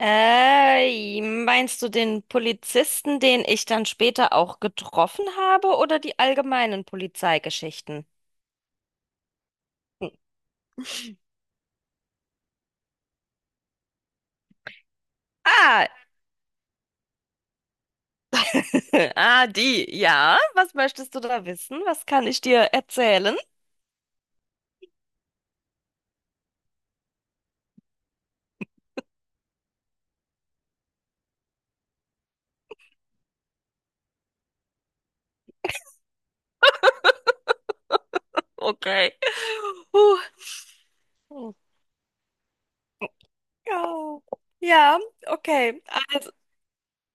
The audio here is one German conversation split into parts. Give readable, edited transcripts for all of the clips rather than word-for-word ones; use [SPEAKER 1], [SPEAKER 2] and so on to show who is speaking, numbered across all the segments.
[SPEAKER 1] Meinst du den Polizisten, den ich dann später auch getroffen habe, oder die allgemeinen Polizeigeschichten? Ah, ah, die, ja. Was möchtest du da wissen? Was kann ich dir erzählen? Okay. Huh. Ja, ja, okay. Also,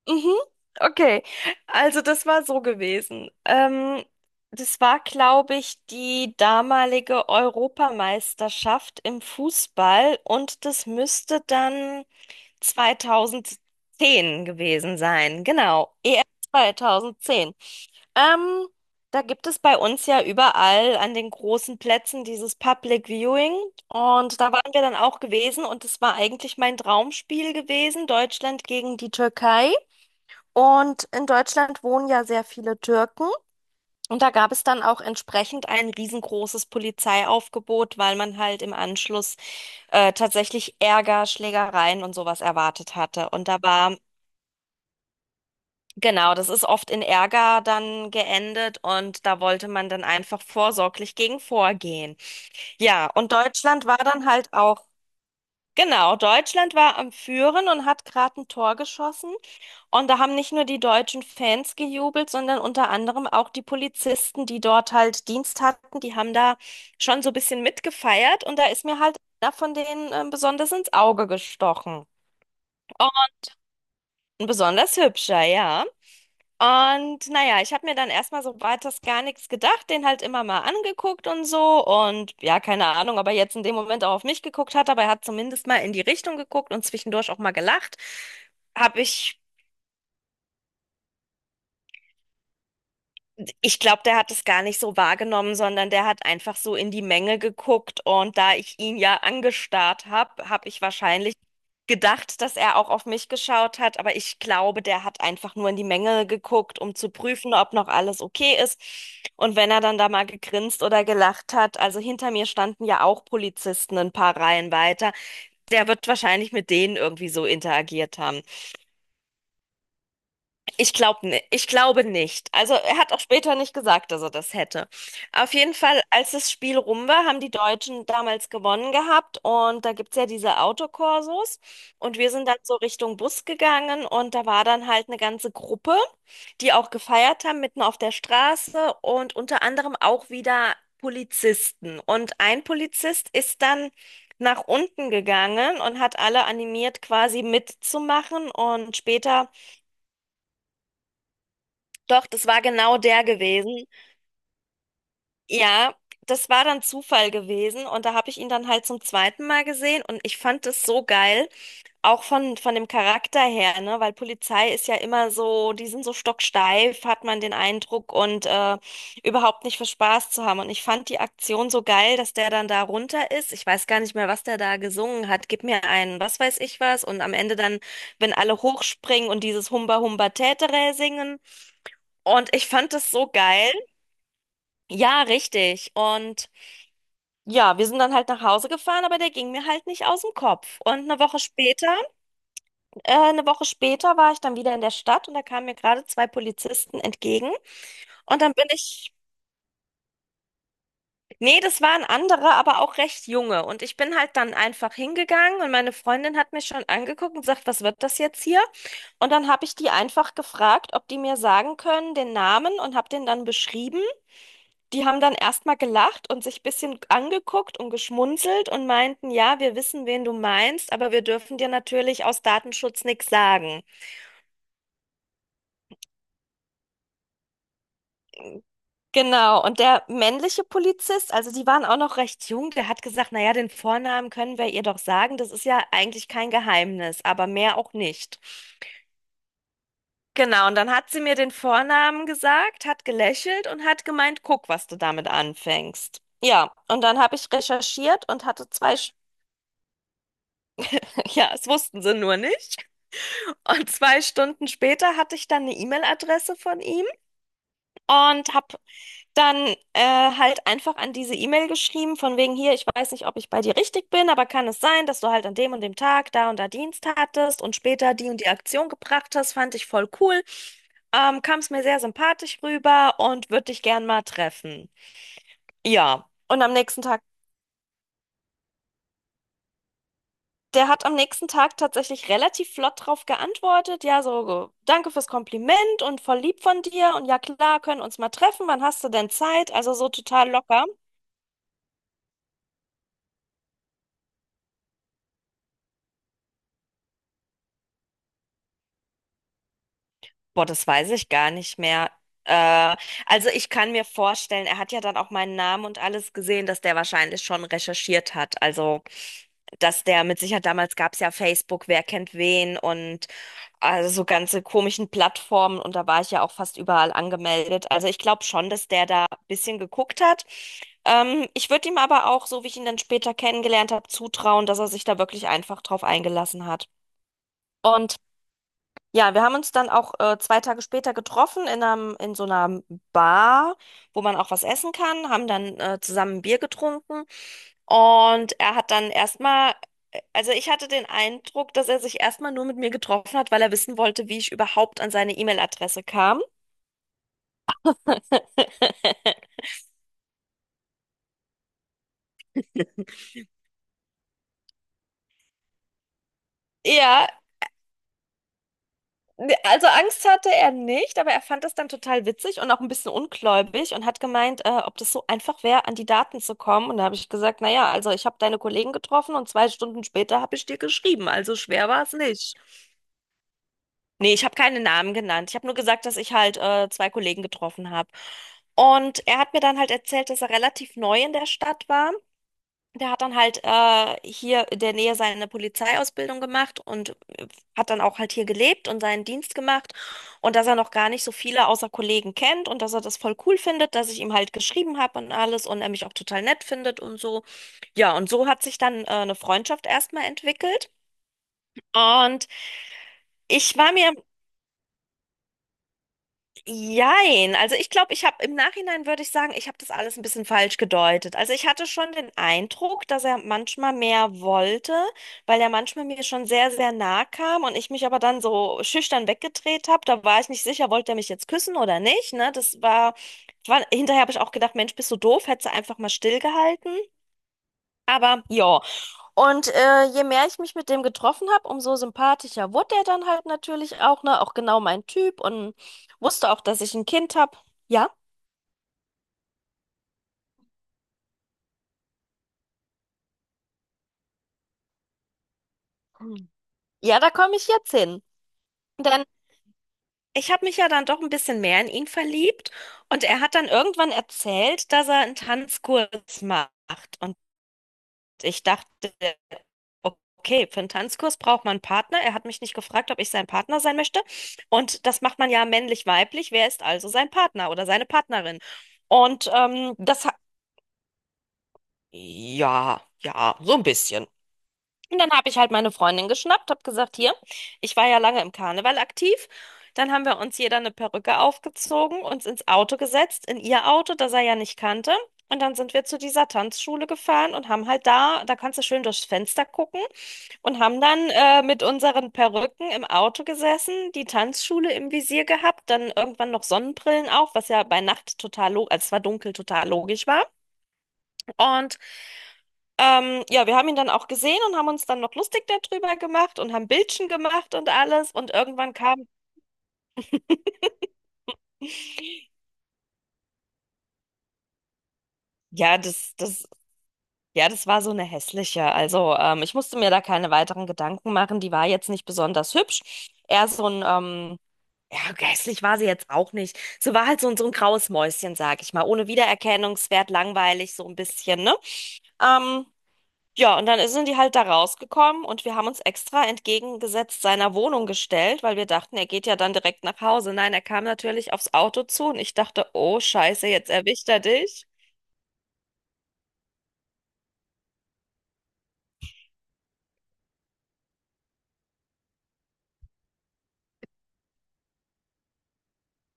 [SPEAKER 1] mhm, okay. Also das war so gewesen. Das war, glaube ich, die damalige Europameisterschaft im Fußball und das müsste dann 2010 gewesen sein. Genau, EM 2010. Ähm, da gibt es bei uns ja überall an den großen Plätzen dieses Public Viewing. Und da waren wir dann auch gewesen und es war eigentlich mein Traumspiel gewesen, Deutschland gegen die Türkei. Und in Deutschland wohnen ja sehr viele Türken. Und da gab es dann auch entsprechend ein riesengroßes Polizeiaufgebot, weil man halt im Anschluss tatsächlich Ärger, Schlägereien und sowas erwartet hatte. Und da war, genau, das ist oft in Ärger dann geendet und da wollte man dann einfach vorsorglich gegen vorgehen. Ja, und Deutschland war dann halt auch, genau, Deutschland war am Führen und hat gerade ein Tor geschossen. Und da haben nicht nur die deutschen Fans gejubelt, sondern unter anderem auch die Polizisten, die dort halt Dienst hatten, die haben da schon so ein bisschen mitgefeiert und da ist mir halt einer von denen besonders ins Auge gestochen. Und ein besonders hübscher, ja. Und naja, ich habe mir dann erstmal so weiters gar nichts gedacht, den halt immer mal angeguckt und so. Und ja, keine Ahnung, ob er jetzt in dem Moment auch auf mich geguckt hat, aber er hat zumindest mal in die Richtung geguckt und zwischendurch auch mal gelacht. Habe ich Ich glaube, der hat es gar nicht so wahrgenommen, sondern der hat einfach so in die Menge geguckt und da ich ihn ja angestarrt habe, habe ich wahrscheinlich gedacht, dass er auch auf mich geschaut hat, aber ich glaube, der hat einfach nur in die Menge geguckt, um zu prüfen, ob noch alles okay ist. Und wenn er dann da mal gegrinst oder gelacht hat, also hinter mir standen ja auch Polizisten ein paar Reihen weiter, der wird wahrscheinlich mit denen irgendwie so interagiert haben. Ich glaube ne, ich glaube nicht. Also er hat auch später nicht gesagt, dass er das hätte. Auf jeden Fall, als das Spiel rum war, haben die Deutschen damals gewonnen gehabt und da gibt's ja diese Autokorsos und wir sind dann so Richtung Bus gegangen und da war dann halt eine ganze Gruppe, die auch gefeiert haben, mitten auf der Straße und unter anderem auch wieder Polizisten. Und ein Polizist ist dann nach unten gegangen und hat alle animiert, quasi mitzumachen und später doch, das war genau der gewesen. Ja, das war dann Zufall gewesen und da habe ich ihn dann halt zum zweiten Mal gesehen und ich fand das so geil, auch von dem Charakter her, ne, weil Polizei ist ja immer so, die sind so stocksteif, hat man den Eindruck und überhaupt nicht für Spaß zu haben und ich fand die Aktion so geil, dass der dann da runter ist. Ich weiß gar nicht mehr, was der da gesungen hat. Gib mir einen, was weiß ich was und am Ende dann, wenn alle hochspringen und dieses Humba Humba Tätere singen. Und ich fand das so geil, ja, richtig. Und ja, wir sind dann halt nach Hause gefahren, aber der ging mir halt nicht aus dem Kopf. Und eine Woche später war ich dann wieder in der Stadt und da kamen mir gerade zwei Polizisten entgegen. Und dann bin ich, Nee, das waren andere, aber auch recht junge. Und ich bin halt dann einfach hingegangen und meine Freundin hat mich schon angeguckt und sagt, was wird das jetzt hier? Und dann habe ich die einfach gefragt, ob die mir sagen können, den Namen und habe den dann beschrieben. Die haben dann erstmal gelacht und sich ein bisschen angeguckt und geschmunzelt und meinten, ja, wir wissen, wen du meinst, aber wir dürfen dir natürlich aus Datenschutz nichts sagen. Genau, und der männliche Polizist, also die waren auch noch recht jung, der hat gesagt, naja, den Vornamen können wir ihr doch sagen, das ist ja eigentlich kein Geheimnis, aber mehr auch nicht. Genau, und dann hat sie mir den Vornamen gesagt, hat gelächelt und hat gemeint, guck, was du damit anfängst. Ja, und dann habe ich recherchiert und hatte zwei, ja, es wussten sie nur nicht. Und zwei Stunden später hatte ich dann eine E-Mail-Adresse von ihm und habe dann äh, halt einfach an diese E-Mail geschrieben, von wegen hier, ich weiß nicht, ob ich bei dir richtig bin, aber kann es sein, dass du halt an dem und dem Tag da und da Dienst hattest und später die und die Aktion gebracht hast, fand ich voll cool. Kam es mir sehr sympathisch rüber und würde dich gern mal treffen. Ja, und am nächsten Tag Der hat am nächsten Tag tatsächlich relativ flott drauf geantwortet. Ja, so, danke fürs Kompliment und voll lieb von dir. Und ja, klar, können uns mal treffen. Wann hast du denn Zeit? Also so total locker. Boah, das weiß ich gar nicht mehr. Äh, also ich kann mir vorstellen, er hat ja dann auch meinen Namen und alles gesehen, dass der wahrscheinlich schon recherchiert hat. Also, dass der mit Sicherheit, damals gab es ja Facebook, wer kennt wen und also so ganze komischen Plattformen und da war ich ja auch fast überall angemeldet. Also ich glaube schon, dass der da ein bisschen geguckt hat. Ich würde ihm aber auch, so wie ich ihn dann später kennengelernt habe, zutrauen, dass er sich da wirklich einfach drauf eingelassen hat. Und ja, wir haben uns dann auch zwei Tage später getroffen in so einer Bar, wo man auch was essen kann, haben dann zusammen ein Bier getrunken und er hat dann erstmal, also ich hatte den Eindruck, dass er sich erstmal nur mit mir getroffen hat, weil er wissen wollte, wie ich überhaupt an seine E-Mail-Adresse kam. Ja, ne, also Angst hatte er nicht, aber er fand es dann total witzig und auch ein bisschen ungläubig und hat gemeint, ob das so einfach wäre, an die Daten zu kommen. Und da habe ich gesagt, naja, also ich habe deine Kollegen getroffen und zwei Stunden später habe ich dir geschrieben, also schwer war es nicht. Nee, ich habe keine Namen genannt. Ich habe nur gesagt, dass ich halt zwei Kollegen getroffen habe. Und er hat mir dann halt erzählt, dass er relativ neu in der Stadt war, der hat dann halt hier in der Nähe seine Polizeiausbildung gemacht und hat dann auch halt hier gelebt und seinen Dienst gemacht. Und dass er noch gar nicht so viele außer Kollegen kennt und dass er das voll cool findet, dass ich ihm halt geschrieben habe und alles und er mich auch total nett findet und so. Ja, und so hat sich dann eine Freundschaft erstmal entwickelt. Und ich war mir Jein, also ich glaube, ich habe im Nachhinein würde ich sagen, ich habe das alles ein bisschen falsch gedeutet. Also ich hatte schon den Eindruck, dass er manchmal mehr wollte, weil er manchmal mir schon sehr, sehr nah kam und ich mich aber dann so schüchtern weggedreht habe. Da war ich nicht sicher, wollte er mich jetzt küssen oder nicht, ne? Das war, hinterher habe ich auch gedacht, Mensch, bist du doof, hättest du einfach mal stillgehalten. Aber ja. Und je mehr ich mich mit dem getroffen habe, umso sympathischer wurde er dann halt natürlich auch, ne? Auch genau mein Typ und wusste auch, dass ich ein Kind habe. Ja, hm, ja, da komme ich jetzt hin. Denn ich habe mich ja dann doch ein bisschen mehr in ihn verliebt und er hat dann irgendwann erzählt, dass er einen Tanzkurs macht. Ich dachte, okay, für einen Tanzkurs braucht man einen Partner. Er hat mich nicht gefragt, ob ich sein Partner sein möchte. Und das macht man ja männlich-weiblich. Wer ist also sein Partner oder seine Partnerin? Und ja, ja, so ein bisschen. Und dann habe ich halt meine Freundin geschnappt, habe gesagt, hier, ich war ja lange im Karneval aktiv. Dann haben wir uns jeder eine Perücke aufgezogen, uns ins Auto gesetzt, in ihr Auto, das er ja nicht kannte. Und dann sind wir zu dieser Tanzschule gefahren und haben halt da, da kannst du schön durchs Fenster gucken und haben dann mit unseren Perücken im Auto gesessen, die Tanzschule im Visier gehabt, dann irgendwann noch Sonnenbrillen auf, was ja bei Nacht total, als es war dunkel, total logisch war. Und ja, wir haben ihn dann auch gesehen und haben uns dann noch lustig darüber gemacht und haben Bildchen gemacht und alles. Und irgendwann kam, ja, ja, das war so eine hässliche. Also, ich musste mir da keine weiteren Gedanken machen. Die war jetzt nicht besonders hübsch. Eher so ein, ja, hässlich war sie jetzt auch nicht. Sie war halt so, so ein graues Mäuschen, sag ich mal. Ohne Wiedererkennungswert, langweilig, so ein bisschen, ne? Ähm, Ja, und dann sind die halt da rausgekommen und wir haben uns extra entgegengesetzt seiner Wohnung gestellt, weil wir dachten, er geht ja dann direkt nach Hause. Nein, er kam natürlich aufs Auto zu und ich dachte, oh Scheiße, jetzt erwischt er dich.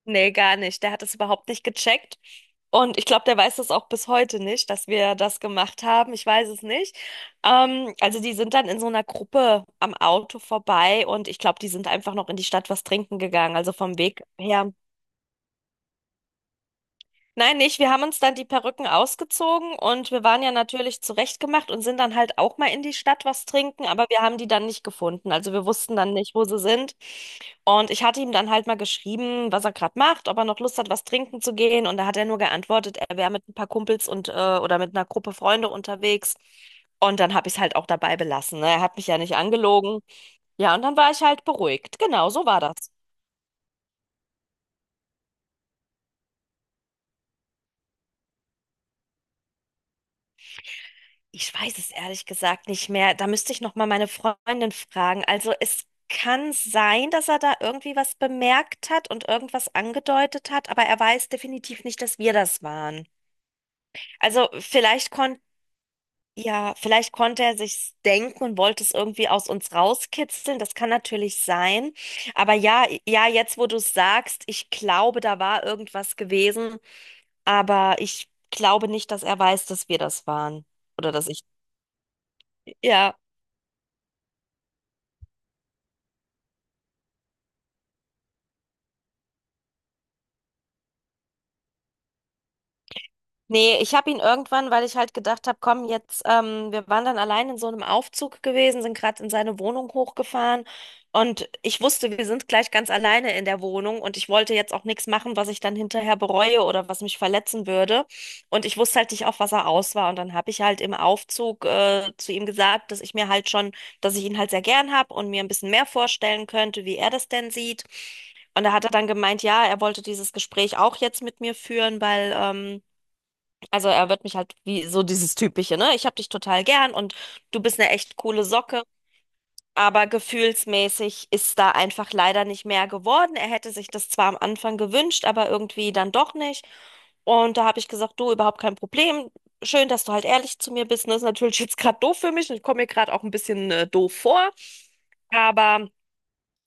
[SPEAKER 1] Nee, gar nicht. Der hat es überhaupt nicht gecheckt. Und ich glaube, der weiß das auch bis heute nicht, dass wir das gemacht haben. Ich weiß es nicht. Also die sind dann in so einer Gruppe am Auto vorbei und ich glaube, die sind einfach noch in die Stadt was trinken gegangen. Also vom Weg her. Nein, nicht. Wir haben uns dann die Perücken ausgezogen und wir waren ja natürlich zurechtgemacht und sind dann halt auch mal in die Stadt was trinken, aber wir haben die dann nicht gefunden. Also wir wussten dann nicht, wo sie sind. Und ich hatte ihm dann halt mal geschrieben, was er gerade macht, ob er noch Lust hat, was trinken zu gehen. Und da hat er nur geantwortet, er wäre mit ein paar Kumpels und oder mit einer Gruppe Freunde unterwegs. Und dann habe ich es halt auch dabei belassen. Ne? Er hat mich ja nicht angelogen. Ja, und dann war ich halt beruhigt. Genau, so war das. Ich weiß es ehrlich gesagt nicht mehr. Da müsste ich noch mal meine Freundin fragen. Also es kann sein, dass er da irgendwie was bemerkt hat und irgendwas angedeutet hat, aber er weiß definitiv nicht, dass wir das waren. Also vielleicht konnte ja, vielleicht konnte er sich's denken und wollte es irgendwie aus uns rauskitzeln. Das kann natürlich sein. Aber ja, jetzt wo du es sagst, ich glaube, da war irgendwas gewesen, aber ich glaube nicht, dass er weiß, dass wir das waren oder dass ich ja. Nee, ich habe ihn irgendwann, weil ich halt gedacht habe, komm, jetzt, wir waren dann allein in so einem Aufzug gewesen, sind gerade in seine Wohnung hochgefahren und ich wusste, wir sind gleich ganz alleine in der Wohnung und ich wollte jetzt auch nichts machen, was ich dann hinterher bereue oder was mich verletzen würde. Und ich wusste halt nicht, auf was er aus war. Und dann habe ich halt im Aufzug, zu ihm gesagt, dass ich ihn halt sehr gern habe und mir ein bisschen mehr vorstellen könnte, wie er das denn sieht. Und da hat er dann gemeint, ja, er wollte dieses Gespräch auch jetzt mit mir führen, also er wird mich halt wie so dieses typische, ne? Ich hab dich total gern und du bist eine echt coole Socke, aber gefühlsmäßig ist da einfach leider nicht mehr geworden. Er hätte sich das zwar am Anfang gewünscht, aber irgendwie dann doch nicht. Und da habe ich gesagt, du, überhaupt kein Problem. Schön, dass du halt ehrlich zu mir bist. Das ist natürlich jetzt gerade doof für mich und ich komme mir gerade auch ein bisschen doof vor. Aber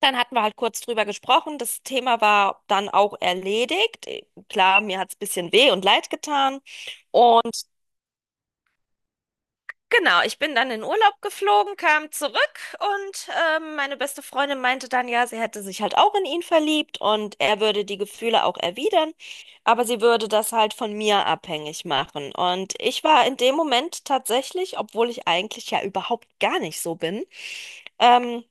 [SPEAKER 1] dann hatten wir halt kurz drüber gesprochen. Das Thema war dann auch erledigt. Klar, mir hat es ein bisschen weh und leid getan. Genau, ich bin dann in Urlaub geflogen, kam zurück und meine beste Freundin meinte dann, ja, sie hätte sich halt auch in ihn verliebt und er würde die Gefühle auch erwidern, aber sie würde das halt von mir abhängig machen. Und ich war in dem Moment tatsächlich, obwohl ich eigentlich ja überhaupt gar nicht so bin, ähm,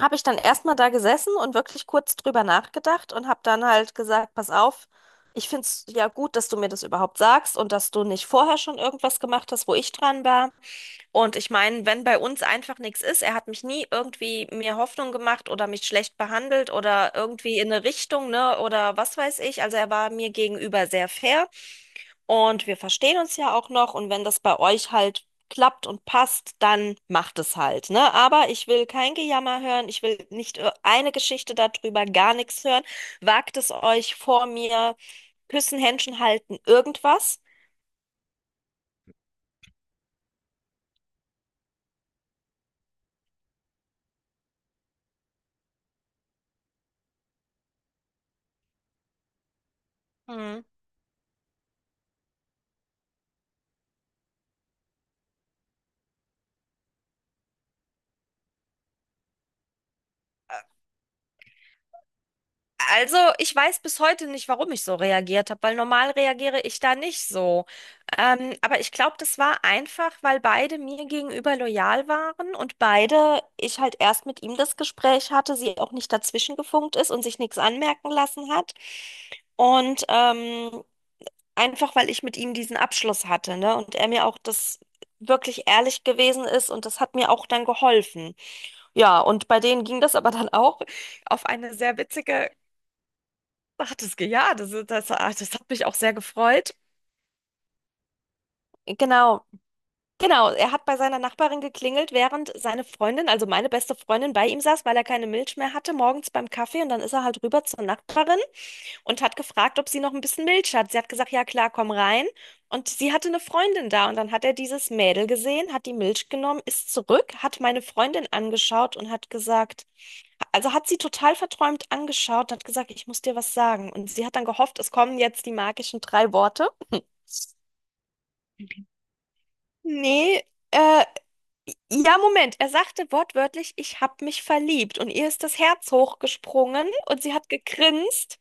[SPEAKER 1] habe ich dann erstmal da gesessen und wirklich kurz drüber nachgedacht und habe dann halt gesagt, pass auf. Ich finde es ja gut, dass du mir das überhaupt sagst und dass du nicht vorher schon irgendwas gemacht hast, wo ich dran war. Und ich meine, wenn bei uns einfach nichts ist, er hat mich nie irgendwie mir Hoffnung gemacht oder mich schlecht behandelt oder irgendwie in eine Richtung, ne, oder was weiß ich. Also er war mir gegenüber sehr fair und wir verstehen uns ja auch noch. Und wenn das bei euch halt klappt und passt, dann macht es halt, ne? Aber ich will kein Gejammer hören, ich will nicht eine Geschichte darüber, gar nichts hören. Wagt es euch vor mir, küssen, Händchen halten, irgendwas. Hm. Also, ich weiß bis heute nicht, warum ich so reagiert habe, weil normal reagiere ich da nicht so. Aber ich glaube, das war einfach, weil beide mir gegenüber loyal waren und beide, ich halt erst mit ihm das Gespräch hatte, sie auch nicht dazwischen gefunkt ist und sich nichts anmerken lassen hat. Und einfach, weil ich mit ihm diesen Abschluss hatte, ne? Und er mir auch das wirklich ehrlich gewesen ist und das hat mir auch dann geholfen. Ja, und bei denen ging das aber dann auch auf eine sehr witzige hat es ge- ja, das, ist- das, ah, das hat mich auch sehr gefreut. Genau, genau. Er hat bei seiner Nachbarin geklingelt, während seine Freundin, also meine beste Freundin, bei ihm saß, weil er keine Milch mehr hatte, morgens beim Kaffee. Und dann ist er halt rüber zur Nachbarin und hat gefragt, ob sie noch ein bisschen Milch hat. Sie hat gesagt, ja klar, komm rein. Und sie hatte eine Freundin da und dann hat er dieses Mädel gesehen, hat die Milch genommen, ist zurück, hat meine Freundin angeschaut und hat gesagt, also hat sie total verträumt angeschaut und hat gesagt, ich muss dir was sagen. Und sie hat dann gehofft, es kommen jetzt die magischen drei Worte. Nee, äh, ja, Moment. Er sagte wortwörtlich, ich hab mich verliebt. Und ihr ist das Herz hochgesprungen und sie hat gegrinst.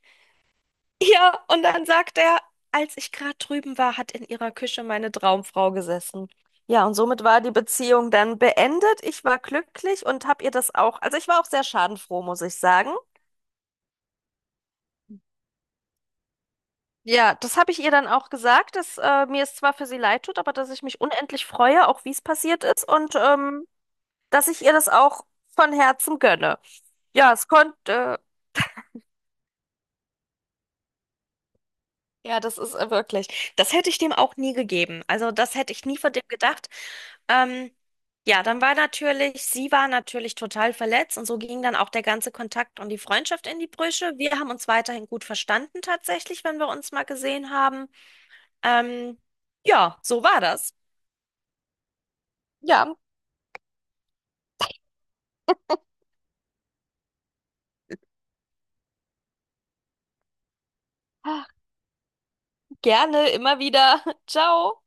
[SPEAKER 1] Ja, und dann sagt er, als ich gerade drüben war, hat in ihrer Küche meine Traumfrau gesessen. Ja, und somit war die Beziehung dann beendet. Ich war glücklich und habe ihr das auch, also ich war auch sehr schadenfroh, muss ich sagen. Ja, das habe ich ihr dann auch gesagt, dass mir es zwar für sie leid tut, aber dass ich mich unendlich freue, auch wie es passiert ist und dass ich ihr das auch von Herzen gönne. Ja, es konnte, Ja, das ist wirklich. Das hätte ich dem auch nie gegeben. Also das hätte ich nie von dem gedacht. Ähm, ja, dann war natürlich, sie war natürlich total verletzt und so ging dann auch der ganze Kontakt und die Freundschaft in die Brüche. Wir haben uns weiterhin gut verstanden tatsächlich, wenn wir uns mal gesehen haben. Ähm, ja, so war das. Ja, ah, gerne, immer wieder. Ciao.